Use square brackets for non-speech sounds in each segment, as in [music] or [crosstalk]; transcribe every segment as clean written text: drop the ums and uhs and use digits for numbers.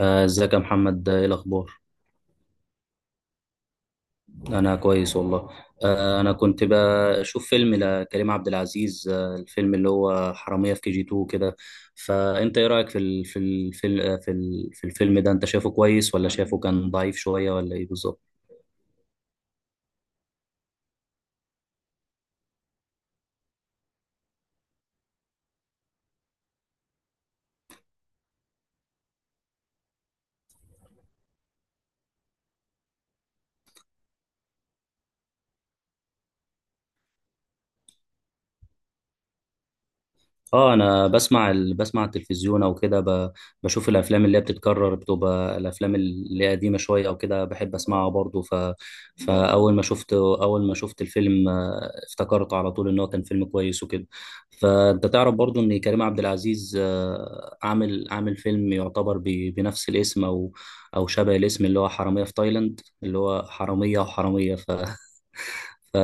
ازيك يا محمد، ايه الاخبار؟ انا كويس والله. انا كنت بشوف فيلم لكريم عبد العزيز، الفيلم اللي هو حرامية في كي جي 2 كده. فانت ايه رايك في في الفيلم ده؟ انت شايفه كويس، ولا شايفه كان ضعيف شوية، ولا ايه بالظبط؟ اه انا بسمع التلفزيون او كده، بشوف الافلام اللي هي بتتكرر، بتبقى الافلام اللي هي قديمه شويه او كده، بحب اسمعها برضو. فاول ما شفت الفيلم، افتكرته على طول ان هو كان فيلم كويس وكده. فانت تعرف برضو ان كريم عبد العزيز، عامل فيلم يعتبر بنفس الاسم، او او شبه الاسم، اللي هو حراميه في تايلاند، اللي هو حراميه وحراميه. ف [laughs] ف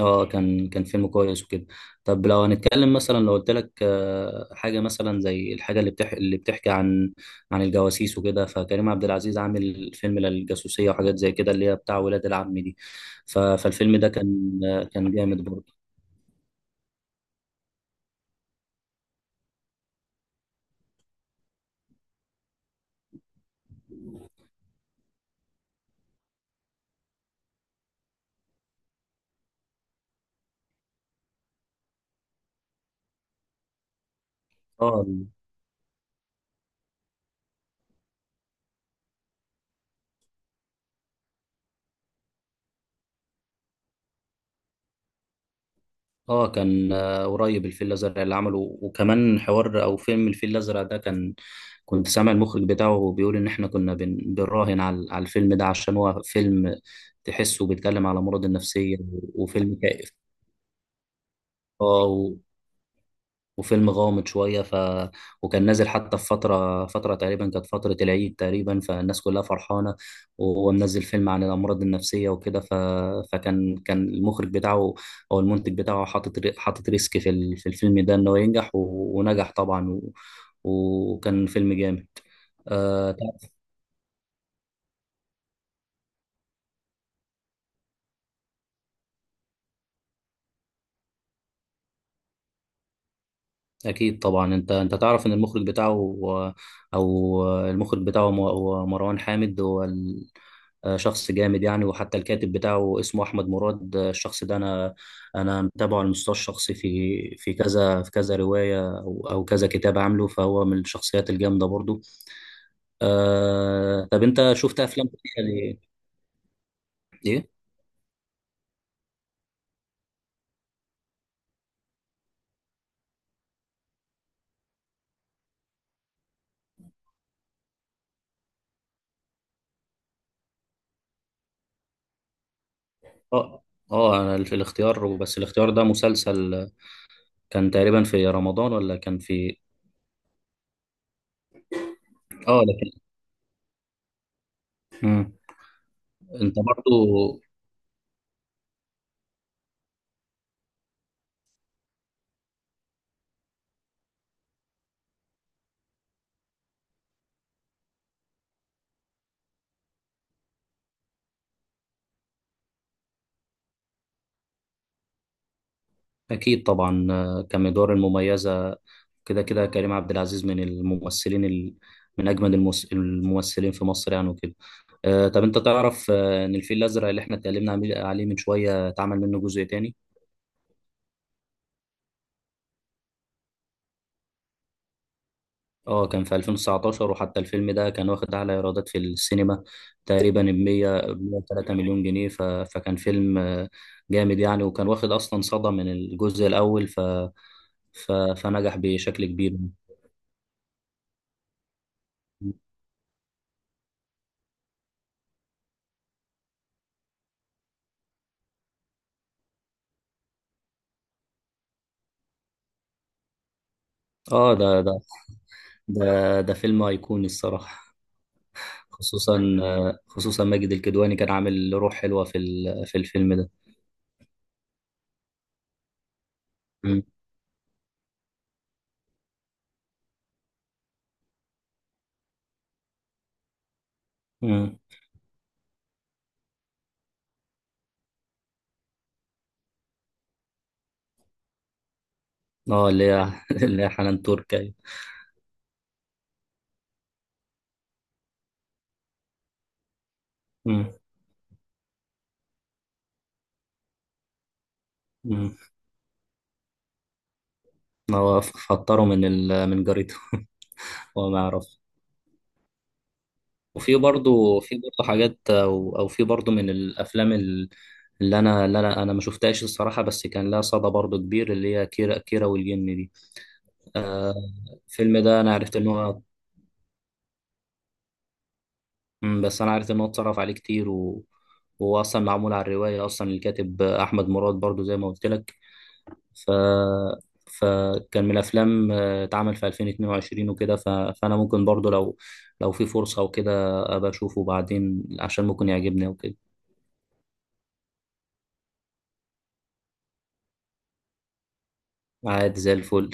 اه كان فيلم كويس وكده. طب لو هنتكلم مثلا، لو قلت لك حاجه مثلا زي الحاجه اللي بتحكي عن عن الجواسيس وكده، فكريم عبد العزيز عامل فيلم للجاسوسيه وحاجات زي كده اللي هي بتاع ولاد العم دي. فالفيلم ده كان، كان جامد برضه. اه اه كان، قريب الفيل الازرق اللي عمله. وكمان حوار او فيلم الفيل الازرق ده كان، كنت سامع المخرج بتاعه بيقول ان احنا كنا بنراهن على على الفيلم ده عشان هو فيلم تحسه بيتكلم على مرض النفسية، وفيلم كئيب، اه، وفيلم غامض شوية. وكان نازل حتى في فترة، تقريبا كانت فترة العيد تقريبا، فالناس كلها فرحانة وهو منزل فيلم عن الأمراض النفسية وكده. فكان المخرج بتاعه أو المنتج بتاعه حاطط حاطط ريسك في في الفيلم ده، إن هو ينجح. و... ونجح طبعا، و... وكان فيلم جامد. آه، اكيد طبعا. انت تعرف ان المخرج بتاعه، او، المخرج بتاعه هو مروان حامد. هو شخص جامد يعني. وحتى الكاتب بتاعه اسمه احمد مراد، الشخص ده، انا متابعه على المستوى الشخصي في كذا، في كذا روايه، او او كذا كتاب عامله، فهو من الشخصيات الجامده برضو. آه، طب انت شفت افلام تانية ليه؟ ايه؟ اه اه، أنا الاختيار، بس الاختيار ده مسلسل. كان تقريبا في رمضان، ولا كان في اه؟ لكن مم. انت برضو اكيد طبعا، كمدار المميزه كده. كريم عبد العزيز من من اجمد الممثلين في مصر يعني وكده. آه، طب انت تعرف ان الفيل الازرق اللي احنا اتكلمنا عليه من شويه، اتعمل منه جزء تاني. اه كان في 2019. وحتى الفيلم ده كان واخد اعلى ايرادات في السينما، تقريبا ب 100 103 مليون جنيه. فكان فيلم جامد يعني، وكان واخد اصلا صدى من الجزء الاول. فنجح بشكل كبير. اه ده ده فيلم أيقوني الصراحة. خصوصا، ماجد الكدواني كان عامل روح حلوة في في الفيلم ده. مم. مم. اه اللي هي [laughs] اللي هي حنان ترك، أيوة. مم. مم. هو فطره من من جاريته [laughs] هو ما يعرفش. وفي برضه، في برضه حاجات، او او في برضه، من اللي انا اللي انا انا ما شفتهاش الصراحه، بس كان لها صدى برضه كبير، اللي هي كيرة كيرة والجن دي. آه، الفيلم ده انا عرفت ان هو، مم، بس انا عارف ان هو اتصرف عليه كتير، و... وهو اصلا معمول على الروايه، اصلا الكاتب احمد مراد برضو زي ما قلت لك. ف فكان من الافلام، اتعمل في 2022 وكده. فانا ممكن برضو لو، في فرصه وكده، ابقى اشوفه بعدين عشان ممكن يعجبني وكده. عادي زي الفل.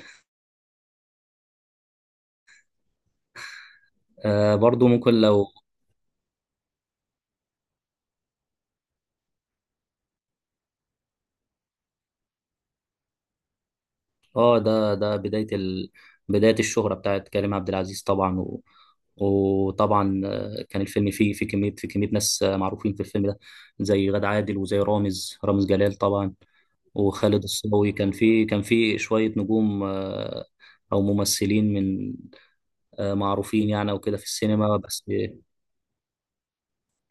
آه برضو ممكن لو، اه ده بداية بداية الشهرة بتاعت كريم عبد العزيز طبعا. و... وطبعا، كان الفيلم فيه في كمية ناس معروفين في الفيلم ده، زي غادة عادل، وزي رامز، جلال طبعا، وخالد الصاوي. كان فيه، شوية نجوم، أو ممثلين من، معروفين يعني وكده في السينما بس.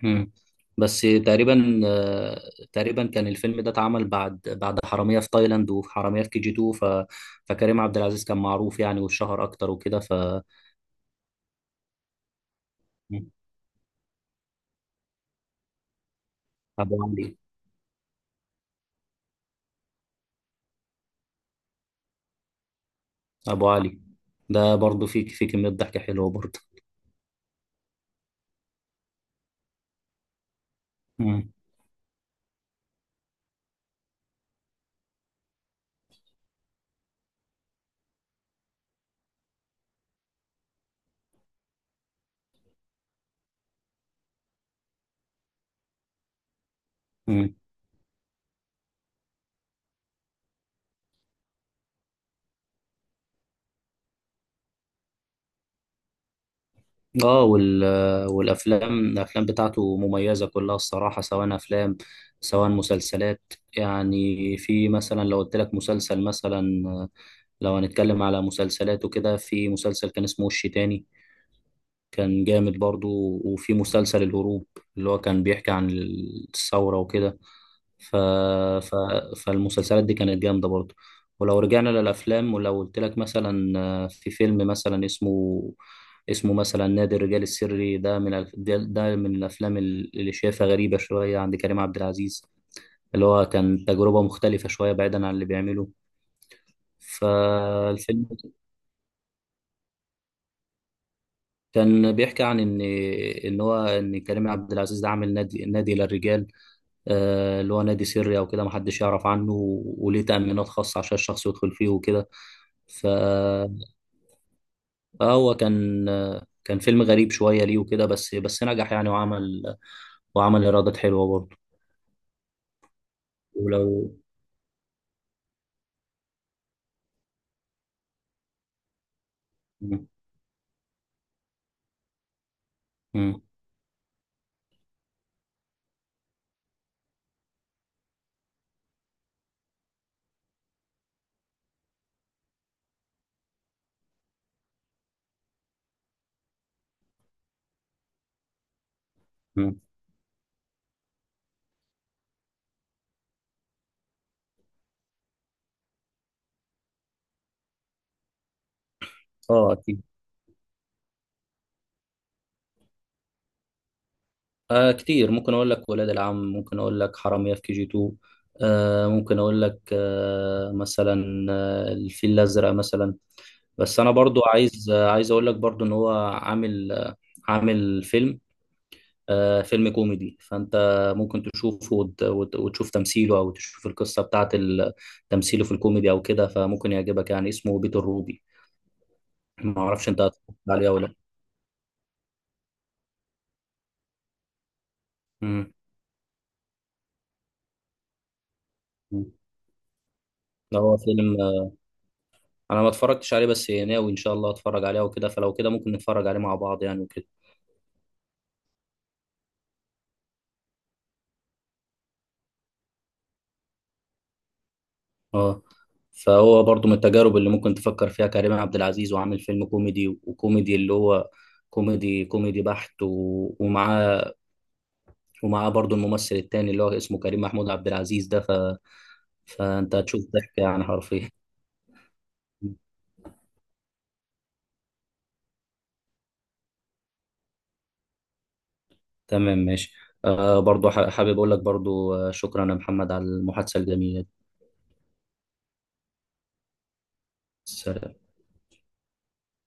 مم. بس تقريبا، تقريبا كان الفيلم ده اتعمل بعد، حرامية في تايلاند وحرامية في كي جي 2. فكريم عبد العزيز كان معروف يعني، والشهر اكتر وكده. ف مم. ابو علي. ابو علي ده برضه في، كمية ضحك حلوة برضه. مم. مم. اه والافلام، بتاعته مميزة كلها الصراحة، سواء افلام، سواء مسلسلات. يعني في مثلا، لو قلت لك مسلسل مثلا، لو هنتكلم على مسلسلات وكده، في مسلسل كان اسمه وش تاني، كان جامد برضو. وفي مسلسل الهروب، اللي هو كان بيحكي عن الثورة وكده. ف... ف... فالمسلسلات دي كانت جامدة برضو. ولو رجعنا للأفلام، ولو قلت لك مثلا، في فيلم مثلا اسمه، مثلا نادي الرجال السري. ده من الف... ده ده من الأفلام اللي شايفها غريبة شوية عند كريم عبد العزيز، اللي هو كان تجربة مختلفة شوية بعيدا عن اللي بيعمله. فالفيلم كان بيحكي عن ان، ان هو ان كريم عبد العزيز ده عامل نادي، للرجال، اللي هو نادي سري او كده، محدش يعرف عنه، و- وليه تأمينات خاصة عشان الشخص يدخل فيه وكده. ف فهو كان، كان فيلم غريب شوية ليه وكده، بس نجح يعني، وعمل ايرادات حلوة برضه. ولو مم. مم. مم. اه اكيد. آه كتير ممكن اقول لك ولاد العم، ممكن اقول لك حرامية في كي جي 2، آه ممكن اقول لك آه مثلا آه الفيل الازرق مثلا. بس انا برضو عايز آه، عايز اقول لك برضو ان هو عامل آه، فيلم، فيلم كوميدي. فانت ممكن تشوفه وتشوف تمثيله، او تشوف القصه تمثيله في الكوميدي او كده، فممكن يعجبك يعني. اسمه بيت الروبي. ما اعرفش انت هتتفرج عليه او لا. مم. مم. ده هو فيلم، انا ما اتفرجتش عليه، بس ناوي ان شاء الله اتفرج عليه وكده. فلو كده ممكن نتفرج عليه مع بعض يعني وكده. اه فهو برضو من التجارب اللي ممكن تفكر فيها كريم عبد العزيز، وعامل فيلم كوميدي. وكوميدي اللي هو كوميدي، بحت. ومعاه، برضو الممثل التاني اللي هو اسمه كريم محمود عبد العزيز ده. فانت هتشوف ضحك يعني حرفيا. [laughs] تمام، ماشي. آه برضو حابب اقول لك برضو، شكرا يا محمد على المحادثة الجميلة. سلام.